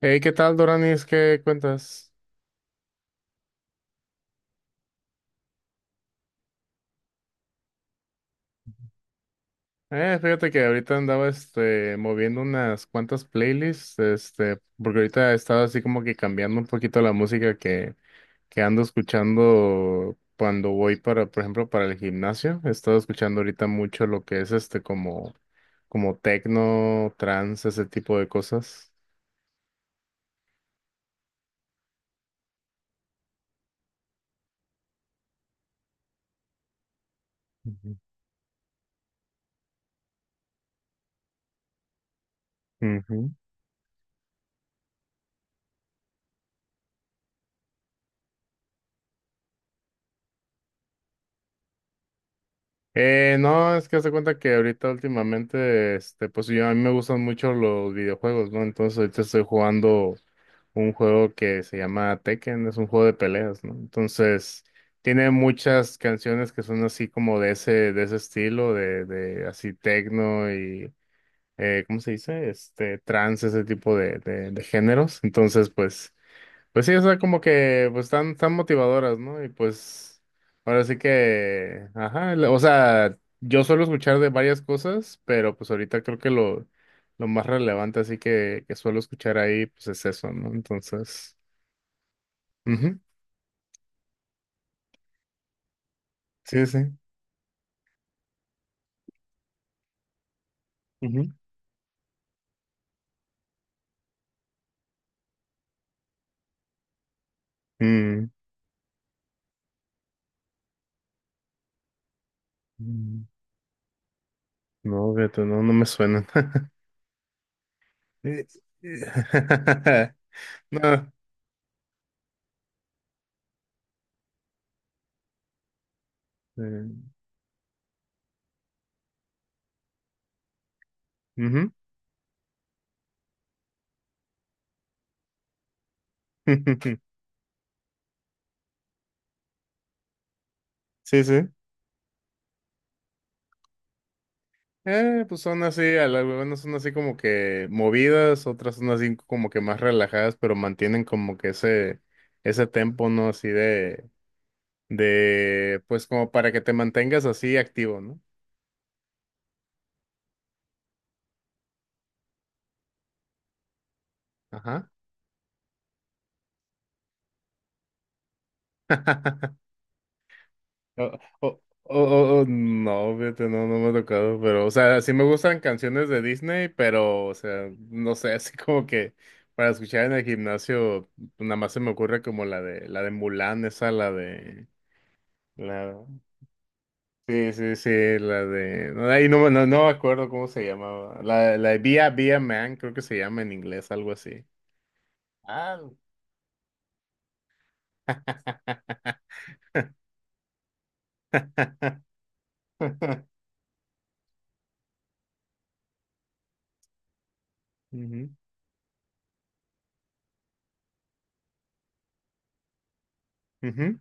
Hey, ¿qué tal, Doranis? ¿Qué cuentas? Fíjate que ahorita andaba moviendo unas cuantas playlists, porque ahorita he estado así como que cambiando un poquito la música que ando escuchando cuando voy para, por ejemplo, para el gimnasio. He estado escuchando ahorita mucho lo que es como techno, trance, ese tipo de cosas. Ujú. Ujú. No, es que haz de cuenta que ahorita últimamente, pues yo a mí me gustan mucho los videojuegos, ¿no? Entonces ahorita estoy jugando un juego que se llama Tekken, es un juego de peleas, ¿no? Entonces tiene muchas canciones que son así como de ese estilo, de así tecno y, ¿cómo se dice? Trance, ese tipo de géneros. Entonces, pues sí, o sea, como que pues están motivadoras, ¿no? Y pues ahora sí que, ajá, o sea, yo suelo escuchar de varias cosas, pero pues ahorita creo que lo más relevante así que suelo escuchar ahí, pues es eso, ¿no? Entonces, ujú. Sí, sí. Ujú. Mm, mm, no, fíjate, no me suenan. Eh, eh, No. Eh, ujú. Sí, sí. Pues son así, algunas son así como que movidas, otras son así como que más relajadas, pero mantienen como que ese tempo, ¿no? Así pues como para que te mantengas así activo, ¿no? Ajá. No, fíjate, no me ha tocado, pero, o sea, sí me gustan canciones de Disney, pero, o sea, no sé, así como que para escuchar en el gimnasio, nada más se me ocurre como la de Mulan, esa, la de... La, sí, sí, sí, la de... No, ahí no, no, no me acuerdo cómo se llamaba. La de Via Via Man, creo que se llama en inglés, algo así. Ah, ujú, ujú.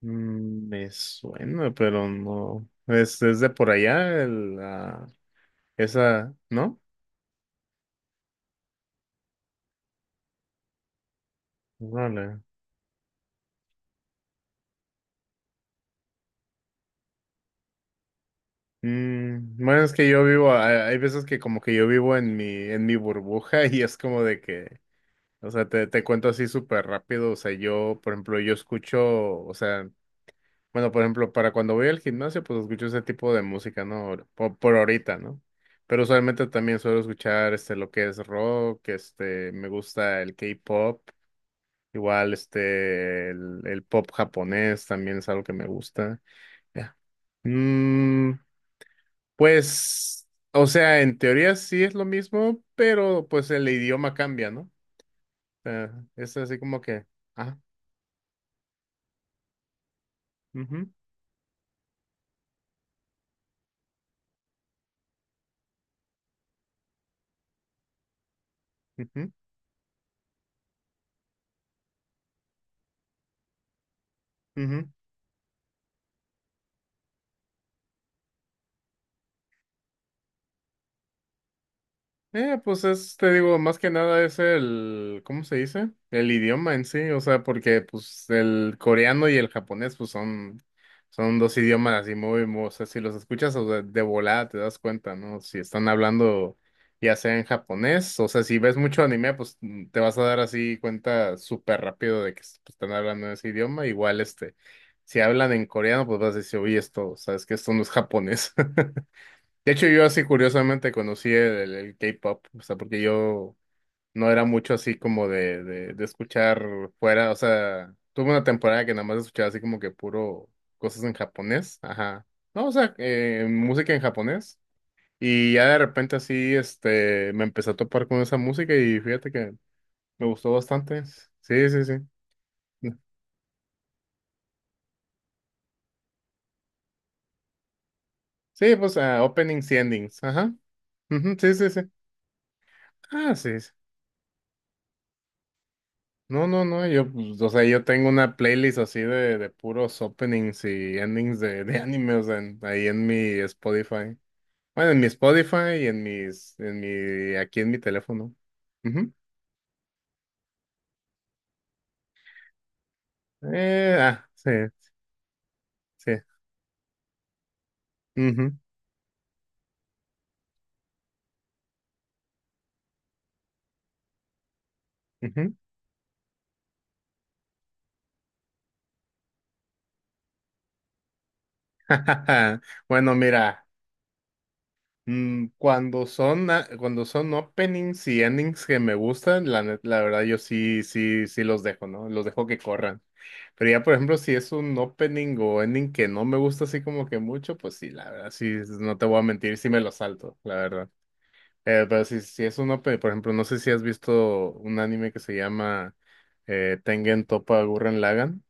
Mm, me suena, pero no. Es de por allá, esa, ¿no? Vale. Mm, bueno, es que yo vivo, hay veces que como que yo vivo en en mi burbuja y es como de que o sea, te cuento así súper rápido. O sea, yo, por ejemplo, yo escucho, o sea, bueno, por ejemplo, para cuando voy al gimnasio, pues escucho ese tipo de música, ¿no? Por ahorita, ¿no? Pero usualmente también suelo escuchar, este, lo que es rock, este, me gusta el K-pop, igual, este, el pop japonés también es algo que me gusta. Ya. Mm, pues, o sea, en teoría sí es lo mismo, pero pues el idioma cambia, ¿no? O sea, es así como que... ajá. Ujú, ujú, ujú. Pues es, te digo, más que nada es el, ¿cómo se dice? El idioma en sí, o sea, porque pues el coreano y el japonés pues son, son dos idiomas así o sea, si los escuchas o sea, de volada te das cuenta, ¿no? Si están hablando ya sea en japonés, o sea, si ves mucho anime, pues mm, te vas a dar así cuenta súper rápido de que pues, están hablando ese idioma, igual este, si hablan en coreano, pues vas a decir, oye, esto, sabes que esto no es japonés. De hecho, yo así curiosamente conocí el K-pop, o sea, porque yo no era mucho así como de escuchar fuera, o sea, tuve una temporada que nada más escuchaba así como que puro cosas en japonés, ajá, no, o sea, música en japonés, y ya de repente así, este, me empecé a topar con esa música y fíjate que me gustó bastante, sí, sí, sí, sí, pues ah, openings y endings, ajá, ujú, sí, sí, sí, ah, sí, sí. No, no, no, yo, pues, o sea, yo tengo una playlist así de puros openings y endings de animes ahí en mi Spotify. Bueno, en mi Spotify y en en mi, aquí en mi teléfono. Ujú. Ah, sí, sí. Ujú, ujú. Bueno, mira. Mm, cuando son, cuando son openings y endings que me gustan, la verdad yo sí, sí, sí los dejo, ¿no? Los dejo que corran. Pero ya, por ejemplo, si es un opening o ending que no me gusta así como que mucho, pues sí, la verdad, sí, no te voy a mentir, sí me lo salto, la verdad. Pero si es un opening, por ejemplo, no sé si has visto un anime que se llama Tengen Toppa Gurren Lagann.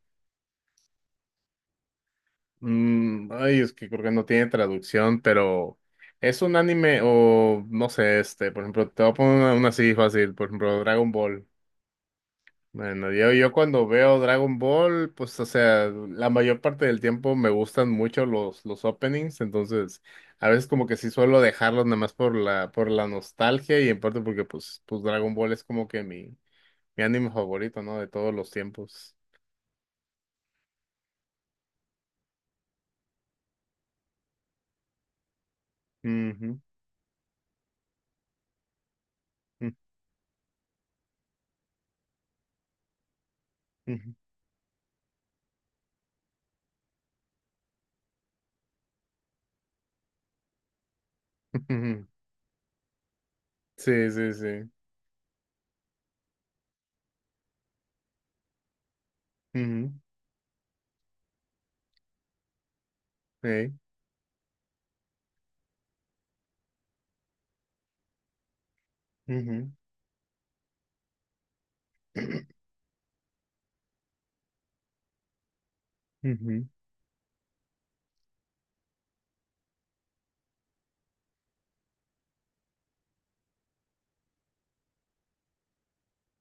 Mm, ay, es que creo que no tiene traducción, pero es un anime o no sé, este, por ejemplo, te voy a poner una así fácil, por ejemplo, Dragon Ball. Bueno, yo cuando veo Dragon Ball, pues, o sea, la mayor parte del tiempo me gustan mucho los openings, entonces, a veces como que sí suelo dejarlos nada más por por la nostalgia y en parte porque, pues Dragon Ball es como que mi anime favorito, ¿no? De todos los tiempos. Ujú, ujú, ujú, ujú. Sí, sí, sí. Ujú. Sí, ujú, ujú.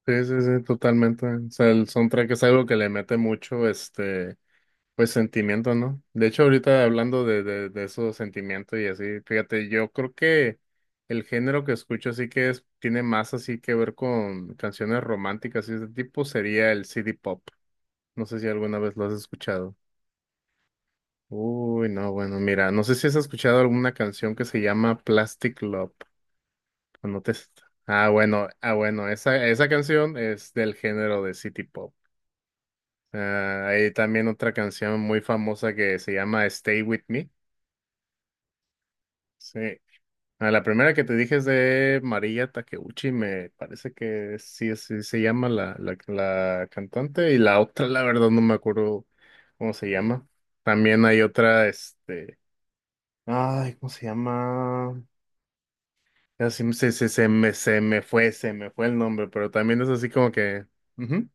Sí, sí, sí, totalmente. O sea, el soundtrack es algo que le mete mucho, este, pues sentimiento, ¿no? De hecho, ahorita hablando de esos sentimientos y así, fíjate, yo creo que el género que escucho así que es, tiene más así que ver con canciones románticas y ese tipo sería el CD pop. No sé si alguna vez lo has escuchado. Uy, no, bueno, mira, no sé si has escuchado alguna canción que se llama Plastic Love. Pues No te- ah, bueno, ah, bueno, esa canción es del género de City Pop. Ah, hay también otra canción muy famosa que se llama Stay With Me. Sí. Ah, la primera que te dije es de María Takeuchi, me parece que sí, sí se llama la cantante, y la otra, la verdad, no me acuerdo cómo se llama. También hay otra, este, ay, ¿cómo se llama? Se me fue el nombre, pero también es así como que... ujú.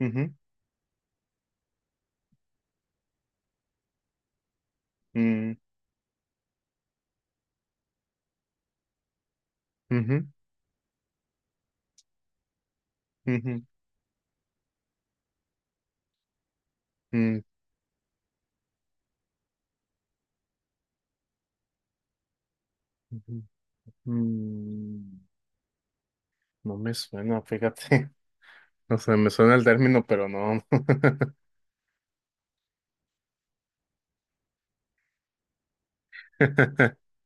Ujú, mm, ujú, ujú, mm, ujú, mm. No me suena, fíjate. O sea, me suena el término, pero no.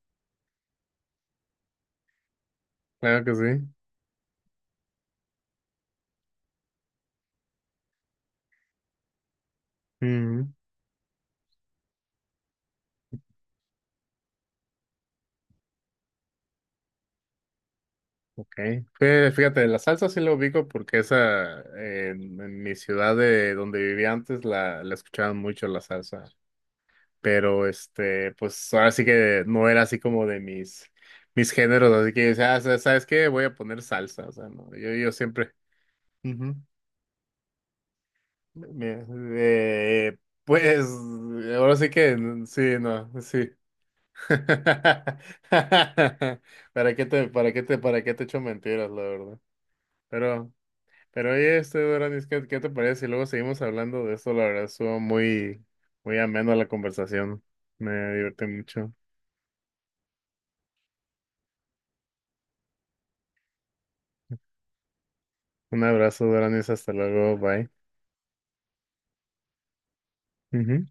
Claro que sí. Ujú, ok. Fíjate, la salsa sí la ubico porque esa en mi ciudad de donde vivía antes la escuchaban mucho la salsa. Pero este, pues ahora sí que no era así como de mis géneros. Así que, o sea, ¿sabes qué? Voy a poner salsa. O sea, no, yo siempre. Bien, eh, pues ahora sí que sí, no, sí. ¿Para qué te echo mentiras, la verdad? Pero, pero oye, este Doranis, qué te parece? Si luego seguimos hablando de esto, la verdad, estuvo muy ameno la conversación. Me divertí mucho. Un abrazo, Doranis, hasta luego, bye. Ujú.